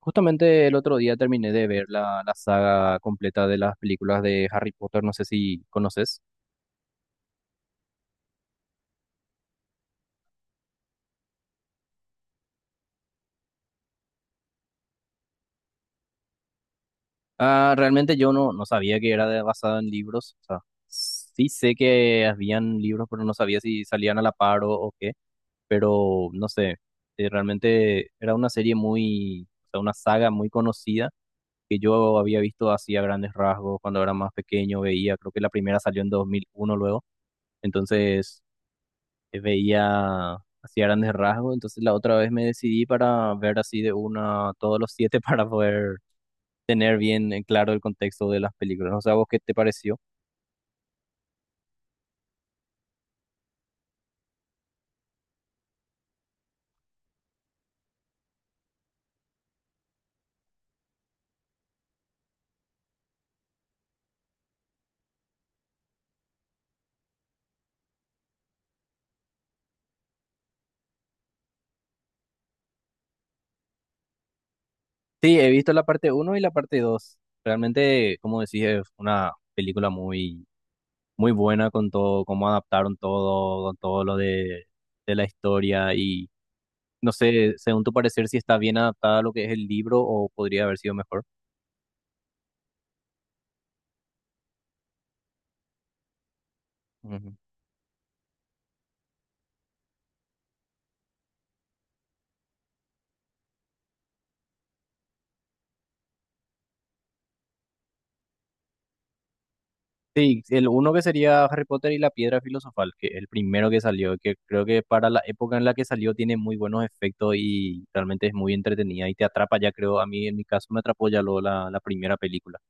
Justamente el otro día terminé de ver la saga completa de las películas de Harry Potter, no sé si conoces. Ah, realmente yo no sabía que era basada en libros. O sea, sí sé que habían libros, pero no sabía si salían a la par o qué, pero no sé, realmente era una serie muy, o sea, una saga muy conocida que yo había visto así a grandes rasgos cuando era más pequeño. Veía, creo que la primera salió en 2001. Luego. Entonces veía así a grandes rasgos. Entonces la otra vez me decidí para ver así de una todos los siete para poder tener bien en claro el contexto de las películas. O sea, ¿vos qué te pareció? Sí, he visto la parte uno y la parte 2. Realmente, como decís, es una película muy, muy buena con todo, cómo adaptaron todo, con todo lo de la historia. Y no sé, según tu parecer, si está bien adaptada a lo que es el libro o podría haber sido mejor. Sí, el uno que sería Harry Potter y la Piedra Filosofal, que es el primero que salió, que creo que para la época en la que salió tiene muy buenos efectos y realmente es muy entretenida y te atrapa ya creo, a mí en mi caso me atrapó ya luego la primera película.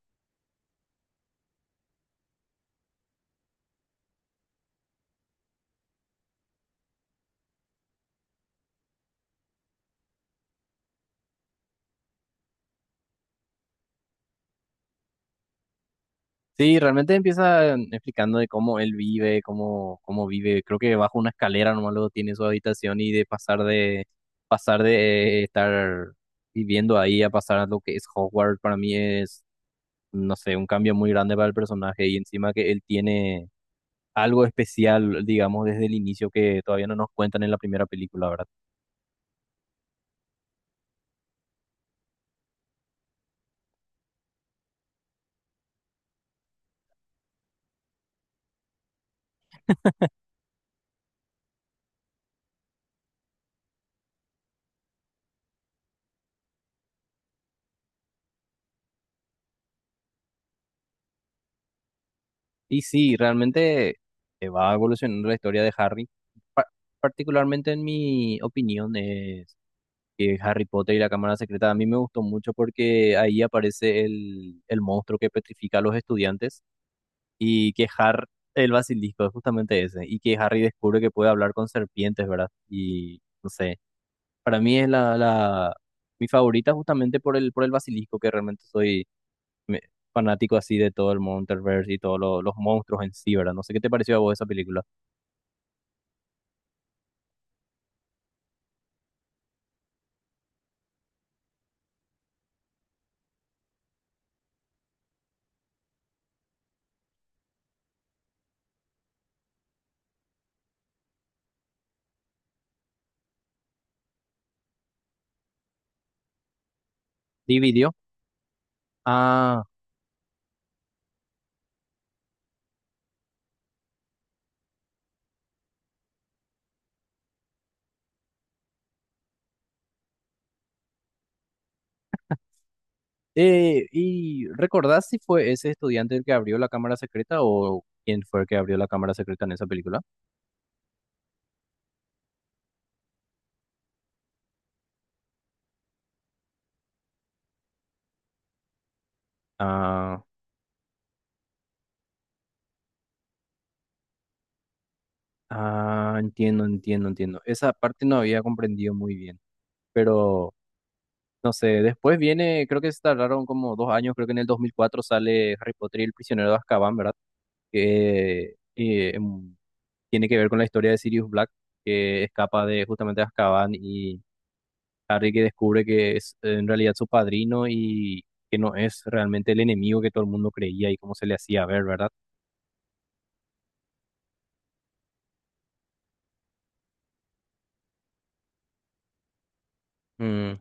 Sí, realmente empieza explicando de cómo él vive. Cómo vive, creo que bajo una escalera nomás luego tiene su habitación. Y de pasar de estar viviendo ahí a pasar a lo que es Hogwarts. Para mí es, no sé, un cambio muy grande para el personaje, y encima que él tiene algo especial, digamos, desde el inicio que todavía no nos cuentan en la primera película, ¿verdad? Y sí, realmente va evolucionando la historia de Harry. Pa- Particularmente, en mi opinión, es que Harry Potter y la Cámara Secreta a mí me gustó mucho porque ahí aparece el monstruo que petrifica a los estudiantes. Y que Har El basilisco es justamente ese, y que Harry descubre que puede hablar con serpientes, ¿verdad? Y no sé, para mí es la mi favorita, justamente por el basilisco. Que realmente soy me- fanático así de todo el Monsterverse y todos los monstruos en sí, ¿verdad? No sé qué te pareció a vos esa película. Dividió. Ah, ¿y recordás si fue ese estudiante el que abrió la cámara secreta, o quién fue el que abrió la cámara secreta en esa película? Ah, ah, entiendo, entiendo, entiendo. Esa parte no había comprendido muy bien. Pero no sé, después viene, creo que se tardaron como 2 años. Creo que en el 2004 sale Harry Potter y el prisionero de Azkaban, ¿verdad? Que tiene que ver con la historia de Sirius Black, que escapa de justamente Azkaban. Y Harry que descubre que es en realidad su padrino, y que no es realmente el enemigo que todo el mundo creía y cómo se le hacía ver, ¿verdad? Mm.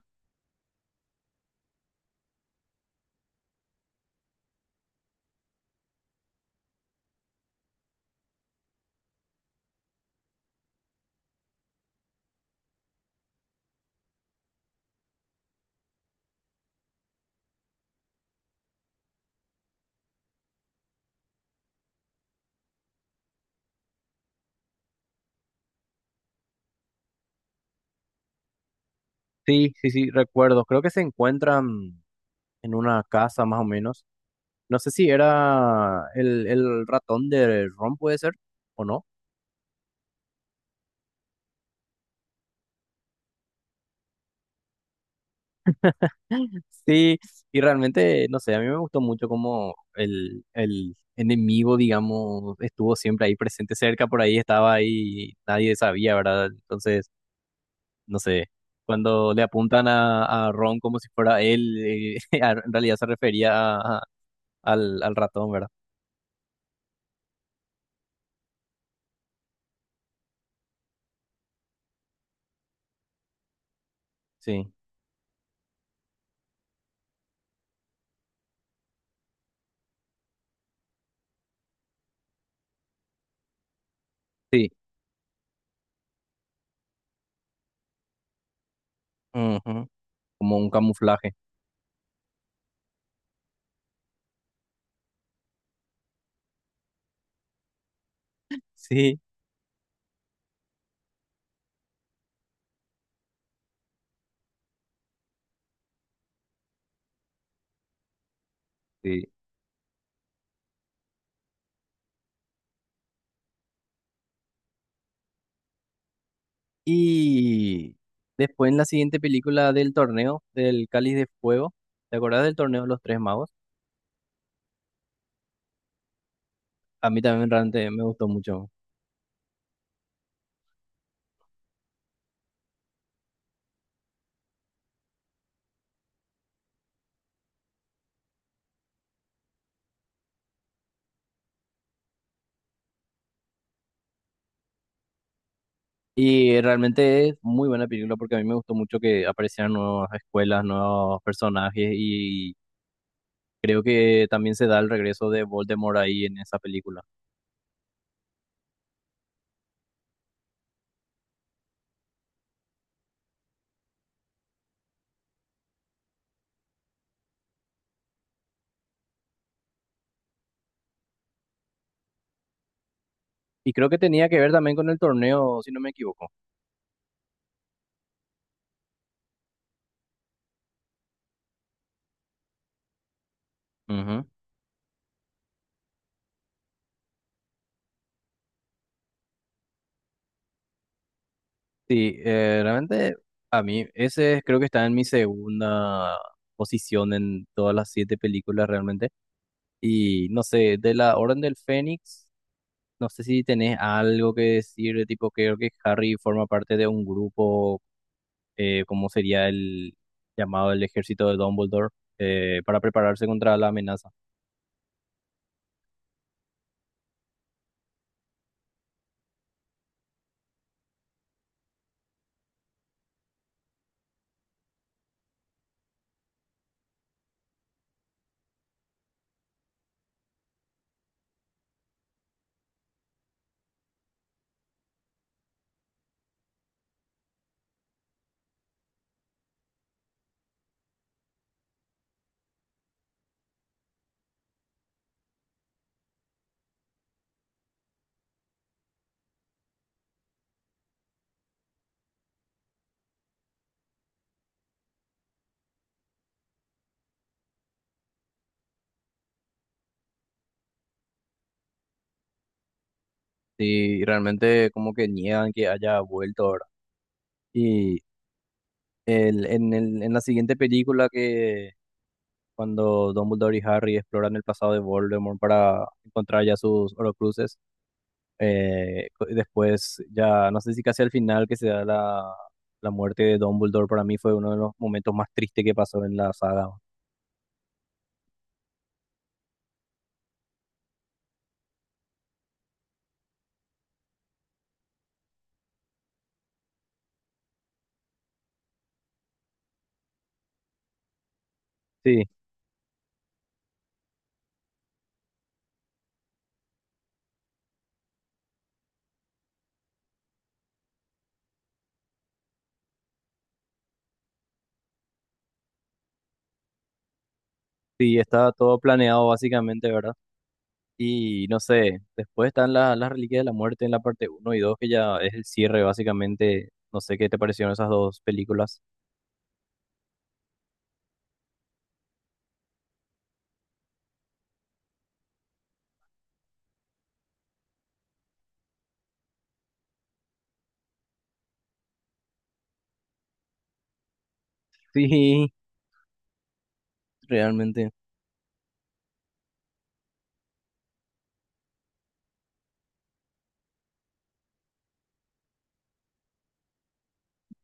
Sí, sí, sí, recuerdo. Creo que se encuentran en una casa más o menos. No sé si era el ratón de Ron, puede ser, o no. Sí, y realmente, no sé, a mí me gustó mucho cómo el enemigo, digamos, estuvo siempre ahí presente cerca, por ahí estaba ahí, nadie sabía, ¿verdad? Entonces, no sé, cuando le apuntan a Ron como si fuera él, en realidad se refería al ratón, ¿verdad? Sí, sí, ujú, como un camuflaje, sí, sí. Y después en la siguiente película del torneo, del Cáliz de Fuego, ¿te acordás del torneo de los Tres Magos? A mí también realmente me gustó mucho. Y realmente es muy buena película porque a mí me gustó mucho que aparecieran nuevas escuelas, nuevos personajes. Y creo que también se da el regreso de Voldemort ahí en esa película. Y creo que tenía que ver también con el torneo, si no me equivoco. Ujú. Sí, realmente a mí ese creo que está en mi segunda posición en todas las siete películas realmente. Y no sé, de la Orden del Fénix. No sé si tenés algo que decir. De tipo, creo que Harry forma parte de un grupo, como sería el llamado el ejército de Dumbledore, para prepararse contra la amenaza. Y realmente como que niegan que haya vuelto ahora. Y en la siguiente película, que cuando Dumbledore y Harry exploran el pasado de Voldemort para encontrar ya sus Horcruxes. Después, ya no sé si casi al final que se da la muerte de Dumbledore. Para mí fue uno de los momentos más tristes que pasó en la saga. Sí, sí, estaba todo planeado básicamente, ¿verdad? Y no sé, después están las reliquias de la muerte en la parte uno y dos, que ya es el cierre básicamente. No sé qué te parecieron esas dos películas. Sí, realmente.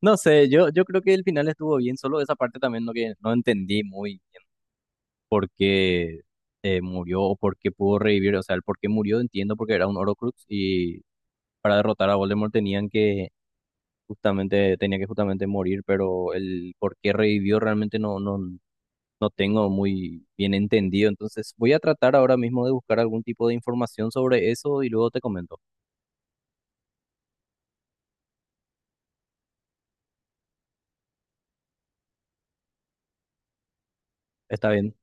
No sé, yo creo que el final estuvo bien, solo esa parte también no, que no entendí muy. Por qué murió o por qué pudo revivir. O sea, el por qué murió entiendo porque era un Horcrux y para derrotar a Voldemort tenían que justamente, tenía que justamente morir. Pero el por qué revivió realmente no tengo muy bien entendido. Entonces voy a tratar ahora mismo de buscar algún tipo de información sobre eso y luego te comento. ¿Está bien?